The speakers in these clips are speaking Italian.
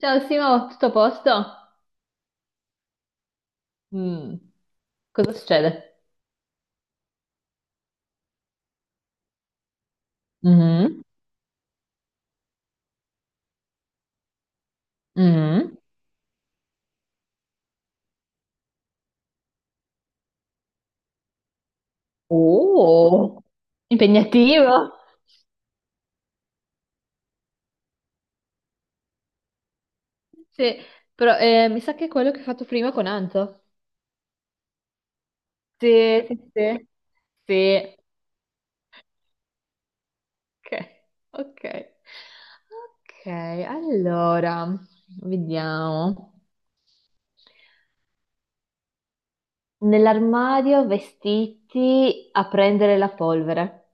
Ciao Simo, tutto a posto? Mm, cosa succede? Mhm, mhm. Oh, impegnativo. Sì, però mi sa che è quello che hai fatto prima con Anto. Sì, sì, sì. Sì, ok, ok. Ok, allora, vediamo. Nell'armadio vestiti a prendere la polvere.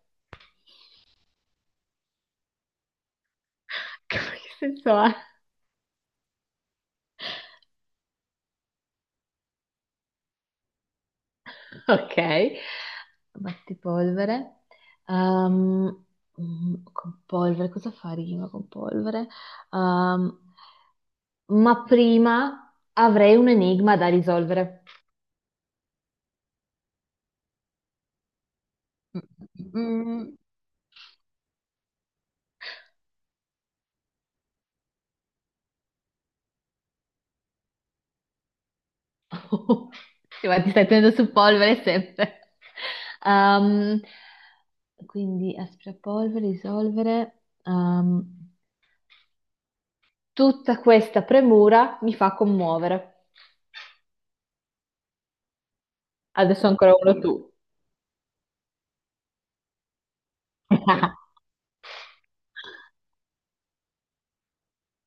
Che senso ha? Ok, battipolvere. Ehm, con polvere, cosa fa rima con polvere? Ehm, ma prima avrei un enigma da risolvere. Mm, Sì, ma ti stai tenendo su polvere sempre. Ehm, quindi aspirapolvere, risolvere. Tutta questa premura mi fa commuovere. Adesso ancora uno tu.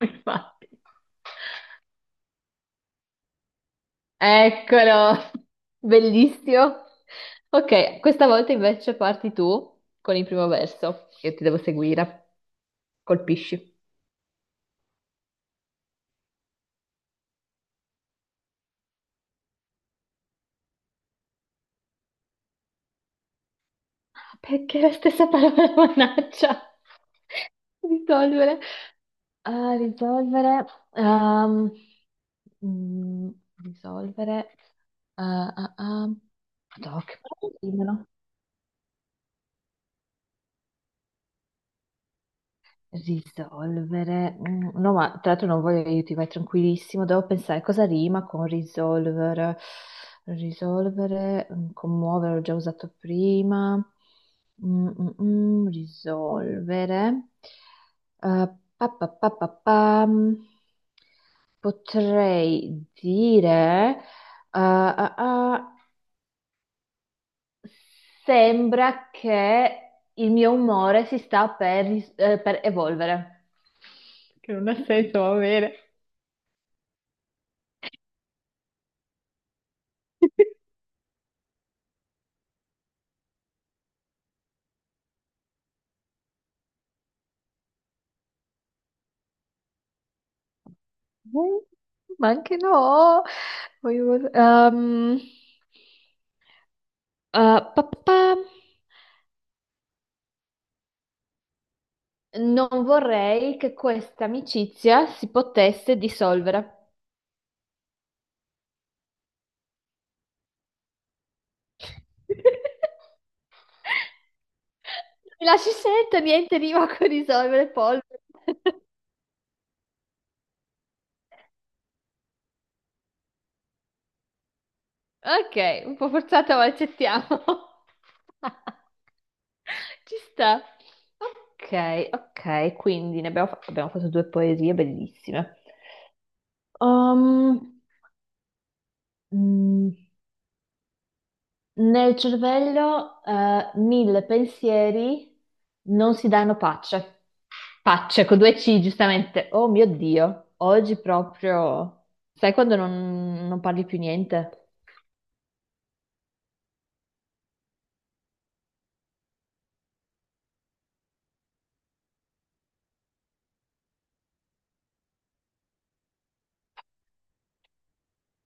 Infatti. Eccolo, bellissimo. Ok, questa volta invece parti tu con il primo verso. Io ti devo seguire. Colpisci. Ah, perché la stessa parola, mannaggia. Risolvere. Ah, risolvere. Ehm, mm, risolvere. Ah, ah, ah. Madò, che parole. Risolvere. No, ma tra l'altro non voglio aiuti, vai tranquillissimo. Devo pensare cosa rima con risolvere. Risolvere, commuovere, l'ho già usato prima. Risolvere. Eh, pa, pa, pa, pa, pam. Potrei dire ah, ah, sembra che il mio umore si sta per, per evolvere. Che non ha senso, va bene. Mm, ma anche no. Voglio- pa- pa- pa. Non vorrei che questa amicizia si potesse dissolvere. Mi lasci scelta, niente rima con risolvere polvere. Ok, un po' forzata, ma accettiamo. Ci sta. Ok, ok, quindi ne abbiamo, abbiamo fatto due poesie bellissime. Um, mm, nel cervello, mille pensieri non si danno pace. Pace con due C, giustamente. Oh mio Dio, oggi proprio... Sai quando non parli più niente?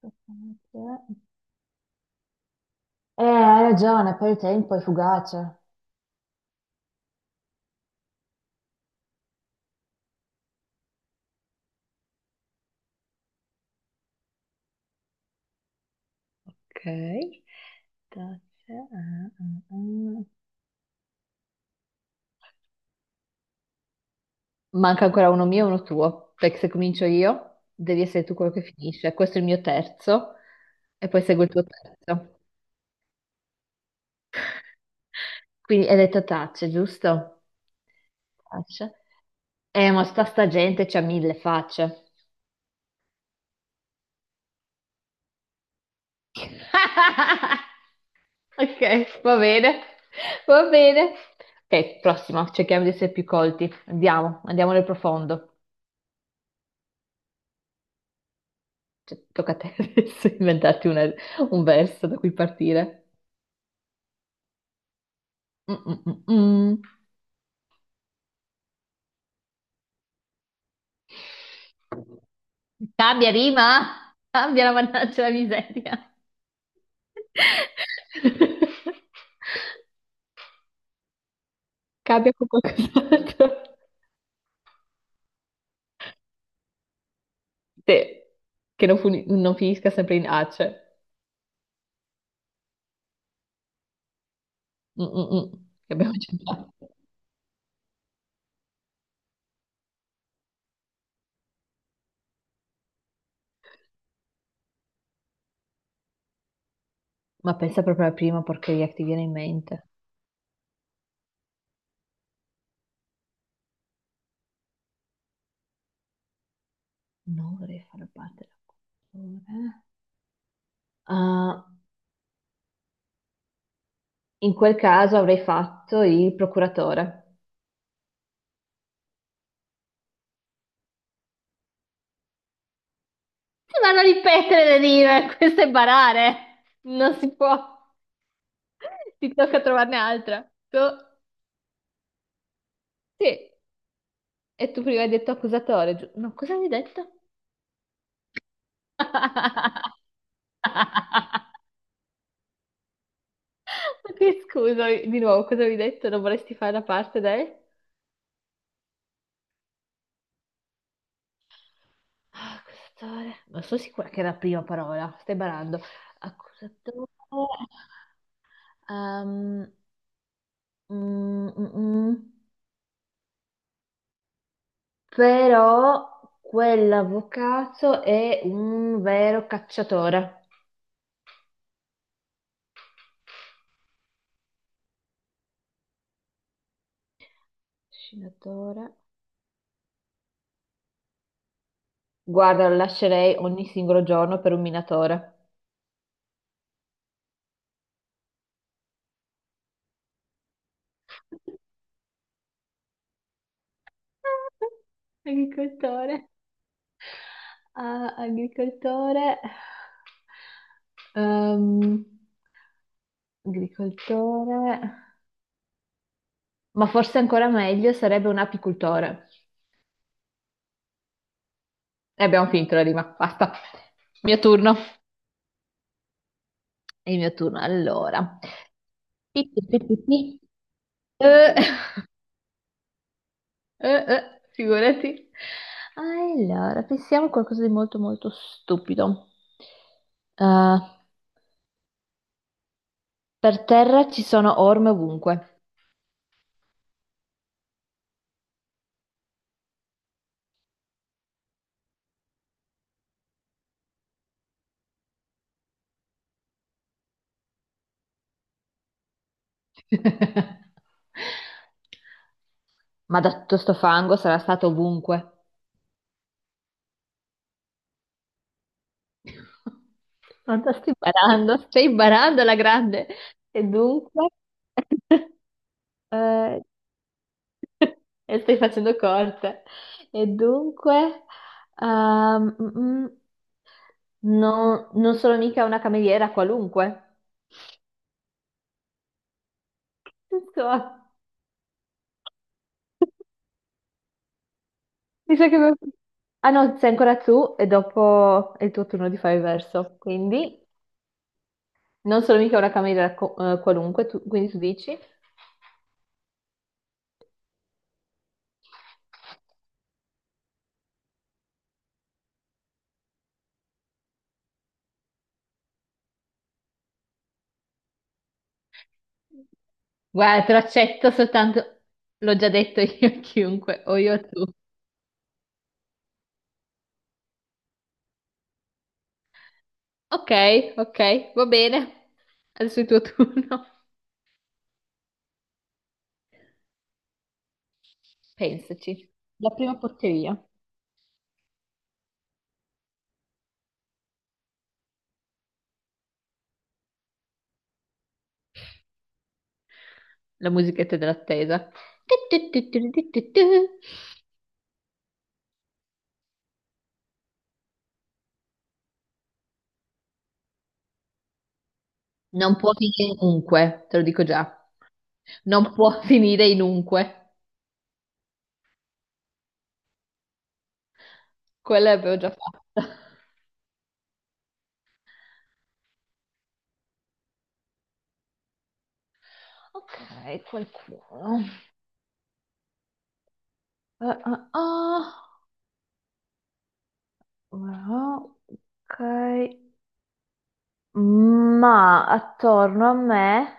Eh, hai ragione, poi il tempo è fugace. Ok. Tazza, ah, ah, ah. Manca ancora uno mio e uno tuo, perché se comincio io devi essere tu quello che finisce. Questo è il mio terzo e poi segue il tuo terzo. Quindi hai detto tacce, giusto? Tacce. Ma sta gente c'ha mille facce. Ok, va bene, va bene. Ok, prossima, cerchiamo di essere più colti. Andiamo, andiamo nel profondo. Cioè, tocca a te adesso inventarti un verso da cui partire. Mm, mm, mm, mm. Cambia rima! Cambia la mannaggia la miseria! Cambia con qualcos'altro. Te, che non finisca sempre in ace. Mm, mm, mm, Che abbiamo già fatto. Ma pensa proprio alla prima porcheria che ti viene in mente. Non vorrei far parte della cultura. Ah, in quel caso avrei fatto il procuratore. Si vanno a ripetere le rime, questo è barare. Non si può. Ti tocca trovarne altra. Tu... Sì, e tu prima hai detto accusatore, no, cosa mi hai detto? Ok, scusami. Di nuovo, cosa mi hai detto? Non vorresti fare la parte del... Ah, accusatore. Non sono sicura che era la prima parola, stai barando. Accusatore. Ehm, mm, mm, mm. mm. Però quell'avvocato è un vero cacciatore. Scinatore. Guarda, lo lascerei ogni singolo giorno per un minatore. Agricoltore. Ah, agricoltore. Ehm, agricoltore. Ma forse ancora meglio sarebbe un apicultore. E abbiamo finito la rima, basta. Mio turno. È il mio turno, allora. Pi, pi, pi, pi, pi. Eh, figurati. Allora, pensiamo a qualcosa di molto molto stupido. Eh, per terra ci sono orme ovunque. Ma da tutto sto fango sarà stato ovunque. Non te stai barando alla grande. E dunque... eh, e stai facendo corte. E dunque... ehm, mm, mm. No, non sono mica una cameriera qualunque. Insomma, mi sa che... Ah no, sei ancora tu e dopo è il tuo turno di fare il verso. Quindi non sono mica una cameriera qualunque, quindi tu dici... Guarda, te lo accetto soltanto... L'ho già detto io a chiunque, o io a tu. Ok, ok, va bene. Adesso è il tuo turno. Pensaci. La prima porcheria. La musichetta dell'attesa. Tu, tu, tu, tu, tu, tu, tu. Non può finire in unque, te lo dico già. Non può finire in unque. Quella l'avevo già fatta. Ok, qualcuno. Eh, eh, ah. Ora, ok. Ma attorno a me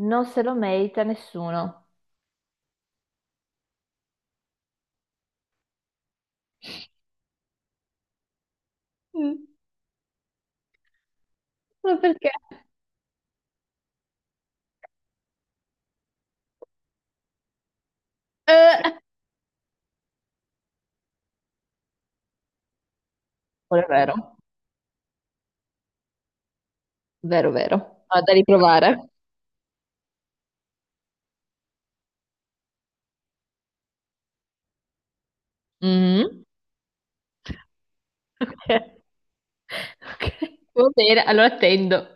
non se lo merita nessuno. Mm, ma perché? Eh, quello è vero. Vero, vero. Ho da riprovare. Mhm. Ok, ok. Va bene, allora attendo.